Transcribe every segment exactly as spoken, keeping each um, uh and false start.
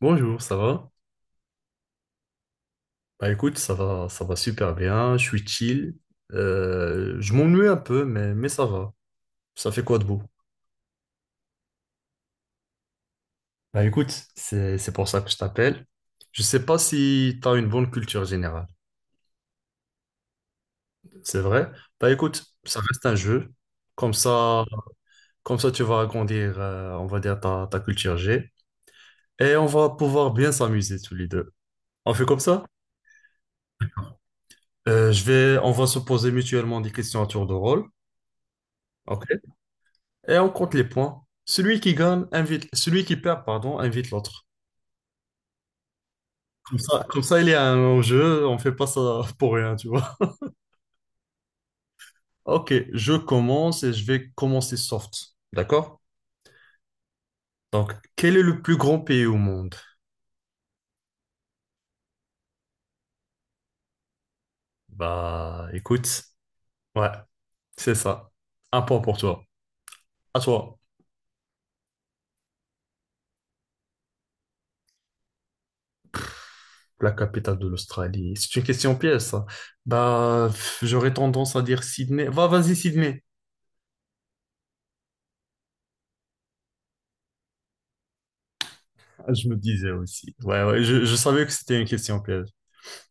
Bonjour, ça va? Bah écoute, ça va, ça va super bien, je suis chill. Euh, je m'ennuie un peu, mais, mais ça va. Ça fait quoi de beau? Bah écoute, c'est, c'est pour ça que je t'appelle. Je sais pas si t'as une bonne culture générale, c'est vrai? Bah écoute, ça reste un jeu. Comme ça, comme ça tu vas agrandir, euh, on va dire, ta, ta culture G. Et on va pouvoir bien s'amuser tous les deux. On fait comme ça? Euh, je vais, on va se poser mutuellement des questions à tour de rôle. Ok, et on compte les points. Celui qui gagne invite, celui qui perd, pardon, invite l'autre. Comme ça, comme ça, il y a un jeu, on fait pas ça pour rien, tu vois. Ok, je commence et je vais commencer soft. D'accord? Donc, quel est le plus grand pays au monde? Bah, écoute, ouais, c'est ça. Un point pour toi. À toi. La capitale de l'Australie. C'est une question pièce, ça. Bah, pff, j'aurais tendance à dire Sydney. Va, vas-y, Sydney. Ah, je me disais aussi. Ouais, ouais, je, je savais que c'était une question piège.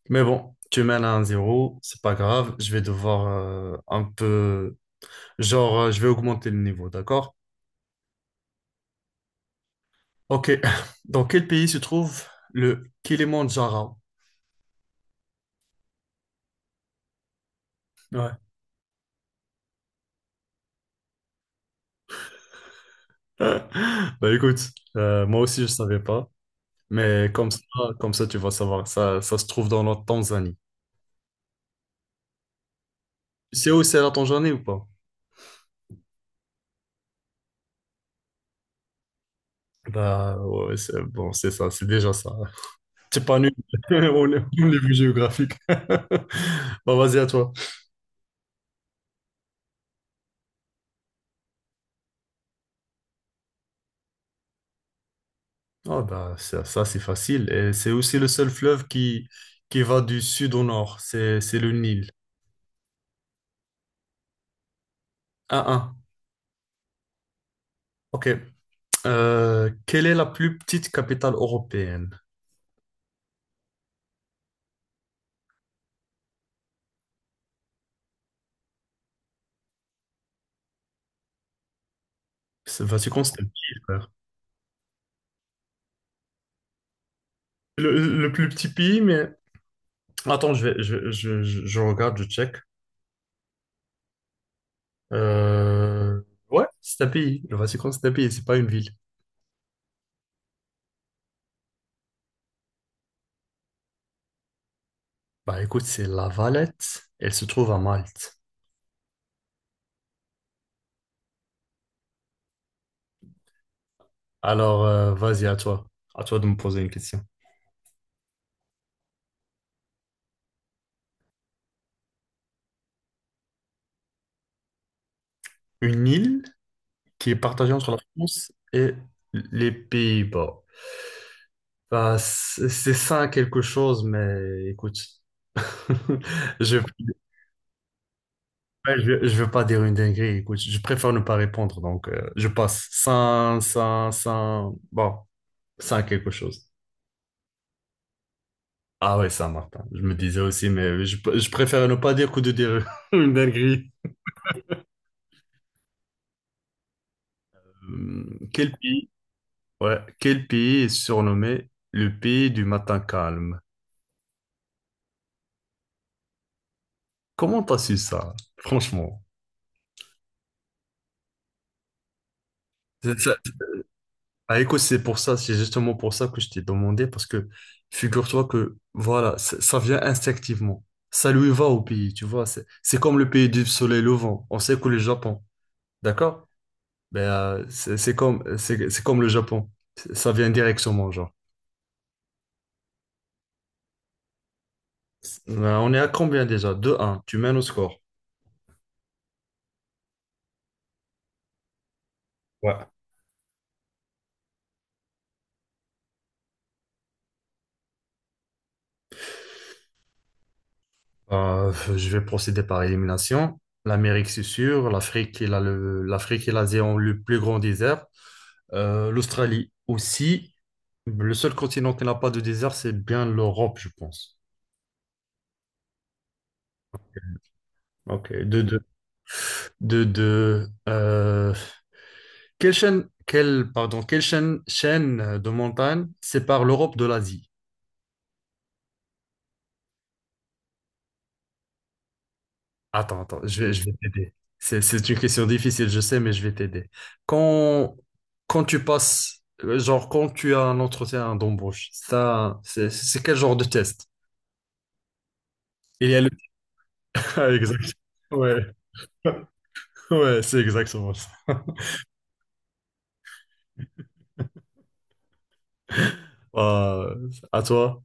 Mais bon, tu mènes à un zéro, c'est pas grave, je vais devoir euh, un peu. Genre, euh, je vais augmenter le niveau, d'accord? Ok. Dans quel pays se trouve le Kilimandjaro? Ouais. Bah écoute, euh, moi aussi je savais pas, mais comme ça, comme ça tu vas savoir, ça, ça se trouve dans la Tanzanie. Tu sais où c'est la Tanzanie ou pas? Bah ouais, c'est bon, c'est ça, c'est déjà ça. T'es pas nul au niveau géographique. Bah vas-y à toi. Ah bah, ça, ça, c'est facile. Et c'est aussi le seul fleuve qui, qui va du sud au nord. C'est, c'est le Nil. un un. OK. Euh, quelle est la plus petite capitale européenne? C'est- Vas-y, Constantine, frère. Le, le plus petit pays, mais. Attends, je vais, je, je, je- je regarde, je check. Euh, Ouais, c'est un pays. Le Vatican, c'est un pays, c'est pas une ville. Bah écoute, c'est La Valette. Elle se trouve à Malte. Alors, euh, vas-y, à toi. À toi de me poser une question. Une île? Qui est partagé entre la France et les Pays-Bas. Bah, c'est c'est ça quelque chose, mais écoute, je, ouais, je, je veux pas dire une dinguerie, écoute, je préfère ne pas répondre, donc euh, je passe. Saint, Saint, Saint, bon, Saint quelque chose. Ah ouais, Saint-Martin, je me disais aussi, mais je, je préfère ne pas dire que de dire une dinguerie. Hum, Quel pays, ouais, quel pays est surnommé le pays du matin calme? Comment t'as su ça, franchement? C'est- ça- Ah, écoute, c'est pour ça, c'est justement pour ça que je t'ai demandé, parce que figure-toi que, voilà, ça, ça vient instinctivement. Ça lui va au pays, tu vois. C'est, c'est comme le pays du soleil levant. On sait que le Japon, d'accord? Ben, euh, c'est c'est comme, c'est c'est comme le Japon. C'est- Ça vient directement, genre. Euh, On est à combien déjà? Deux un, tu mènes au score. Ouais. Euh, je vais procéder par élimination. L'Amérique, c'est sûr. L'Afrique et la- le- l'Afrique et l'Asie ont le plus grand désert. Euh, l'Australie aussi. Le seul continent qui n'a pas de désert, c'est bien l'Europe, je pense. Ok. De, de, de, de, euh, quelle chaîne, quelle, pardon, quelle chaîne, chaîne de montagne sépare l'Europe de l'Asie? Attends, attends, je vais, je vais t'aider. C'est, c'est une question difficile, je sais, mais je vais t'aider. Quand, quand tu passes, euh, genre, quand tu as un entretien d'embauche, ça, c'est c'est quel genre de test? Il y a le. Ah, exact. Ouais, ouais, c'est exactement ça. Euh, à toi.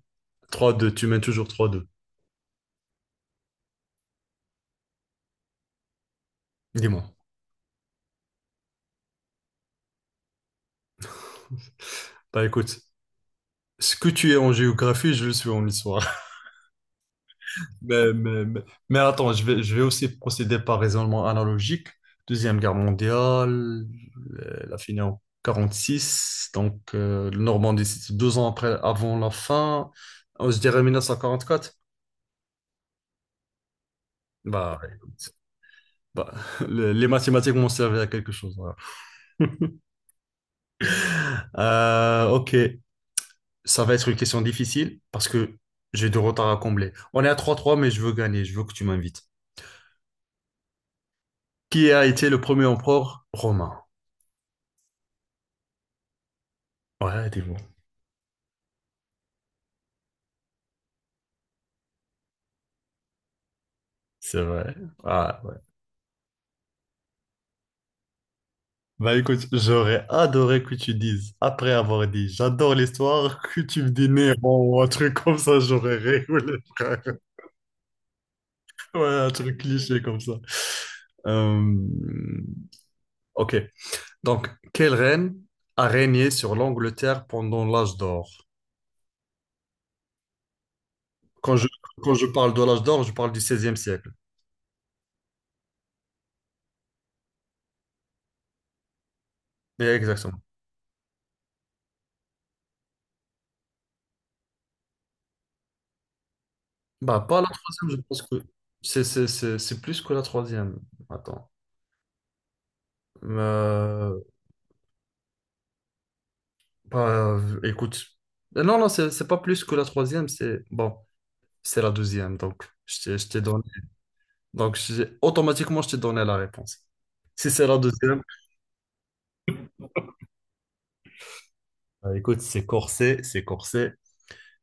Trois deux, tu mènes toujours trois deux. Dis-moi. Bah écoute, ce que tu es en géographie, je le suis en histoire. Mais, mais, mais, mais attends, je vais, je vais aussi procéder par raisonnement analogique. Deuxième guerre mondiale, euh, la fin en quarante-six. donc euh, le Normandie, c'est deux ans après, avant la fin. Euh, Je dirais mille neuf cent quarante-quatre. Bah, écoute, bah, le- les mathématiques m'ont servi à quelque chose, voilà. Euh, ok. Ça va être une question difficile parce que j'ai du retard à combler. On est à trois trois, mais je veux gagner, je veux que tu m'invites. Qui a été le premier empereur romain? Ouais, dis bon. C'est vrai. Ah, ouais. Bah écoute, j'aurais adoré que tu dises, après avoir dit j'adore l'histoire, que tu me dis Néron ou un truc comme ça, j'aurais rigolé, frère. Ouais, un truc cliché comme ça. Euh, Ok. Donc, quelle reine a régné sur l'Angleterre pendant l'âge d'or? Quand je, quand je parle de l'âge d'or, je parle du seizième siècle. Mais exactement. Bah, pas la troisième, je pense que c'est c'est- c'est- c'est plus que la troisième. Attends. Euh, bah, écoute. Non, non, c'est c'est pas plus que la troisième, c'est bon, c'est la deuxième. Donc, je t'ai je t'ai donné. Donc, j'ai- automatiquement, je t'ai donné la réponse. Si c'est la deuxième, bah, écoute, c'est corsé, c'est corsé.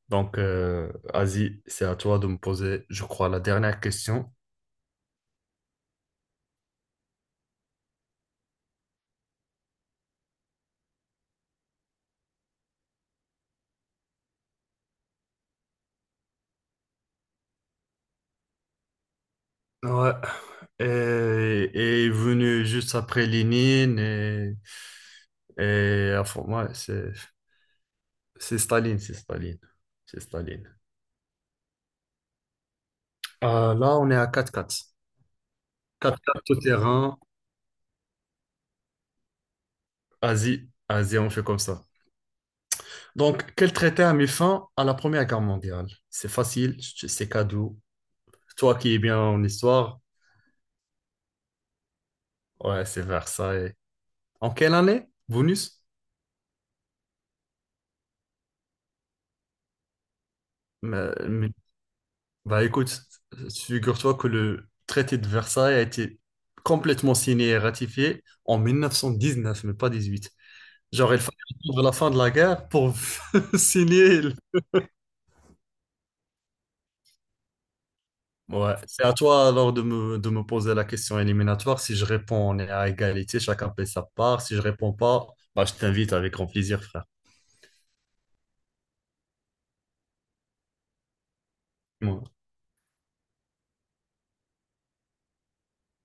Donc, euh, Asie, c'est à toi de me poser, je crois, la dernière question. Ouais. Et, et est venu juste après Lénine et, et enfin, ouais, c'est c'est Staline, c'est Staline, c'est Staline. Euh, là, on est à quatre quatre, quatre quatre tout terrain, Asie, Asie, on fait comme ça. Donc, quel traité a mis fin à la Première Guerre mondiale? C'est facile, c'est cadeau. Toi qui es bien en histoire, ouais, c'est Versailles. En quelle année? Bonus? Bah écoute, figure-toi que le traité de Versailles a été complètement signé et ratifié en mille neuf cent dix-neuf, mais pas dix-huit. Genre, il fallait attendre la fin de la guerre pour signer. le- Ouais, c'est à toi alors de me, de me, poser la question éliminatoire. Si je réponds, on est à égalité, chacun paie sa part. Si je réponds pas, bah je t'invite avec grand plaisir, frère. Ouais.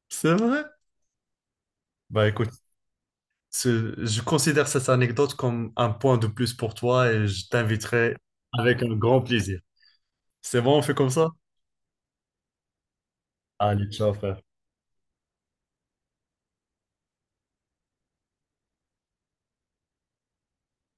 C'est vrai? Bah écoute, ce- je considère cette anecdote comme un point de plus pour toi et je t'inviterai avec un grand plaisir. C'est bon, on fait comme ça? Allez, ciao, frère.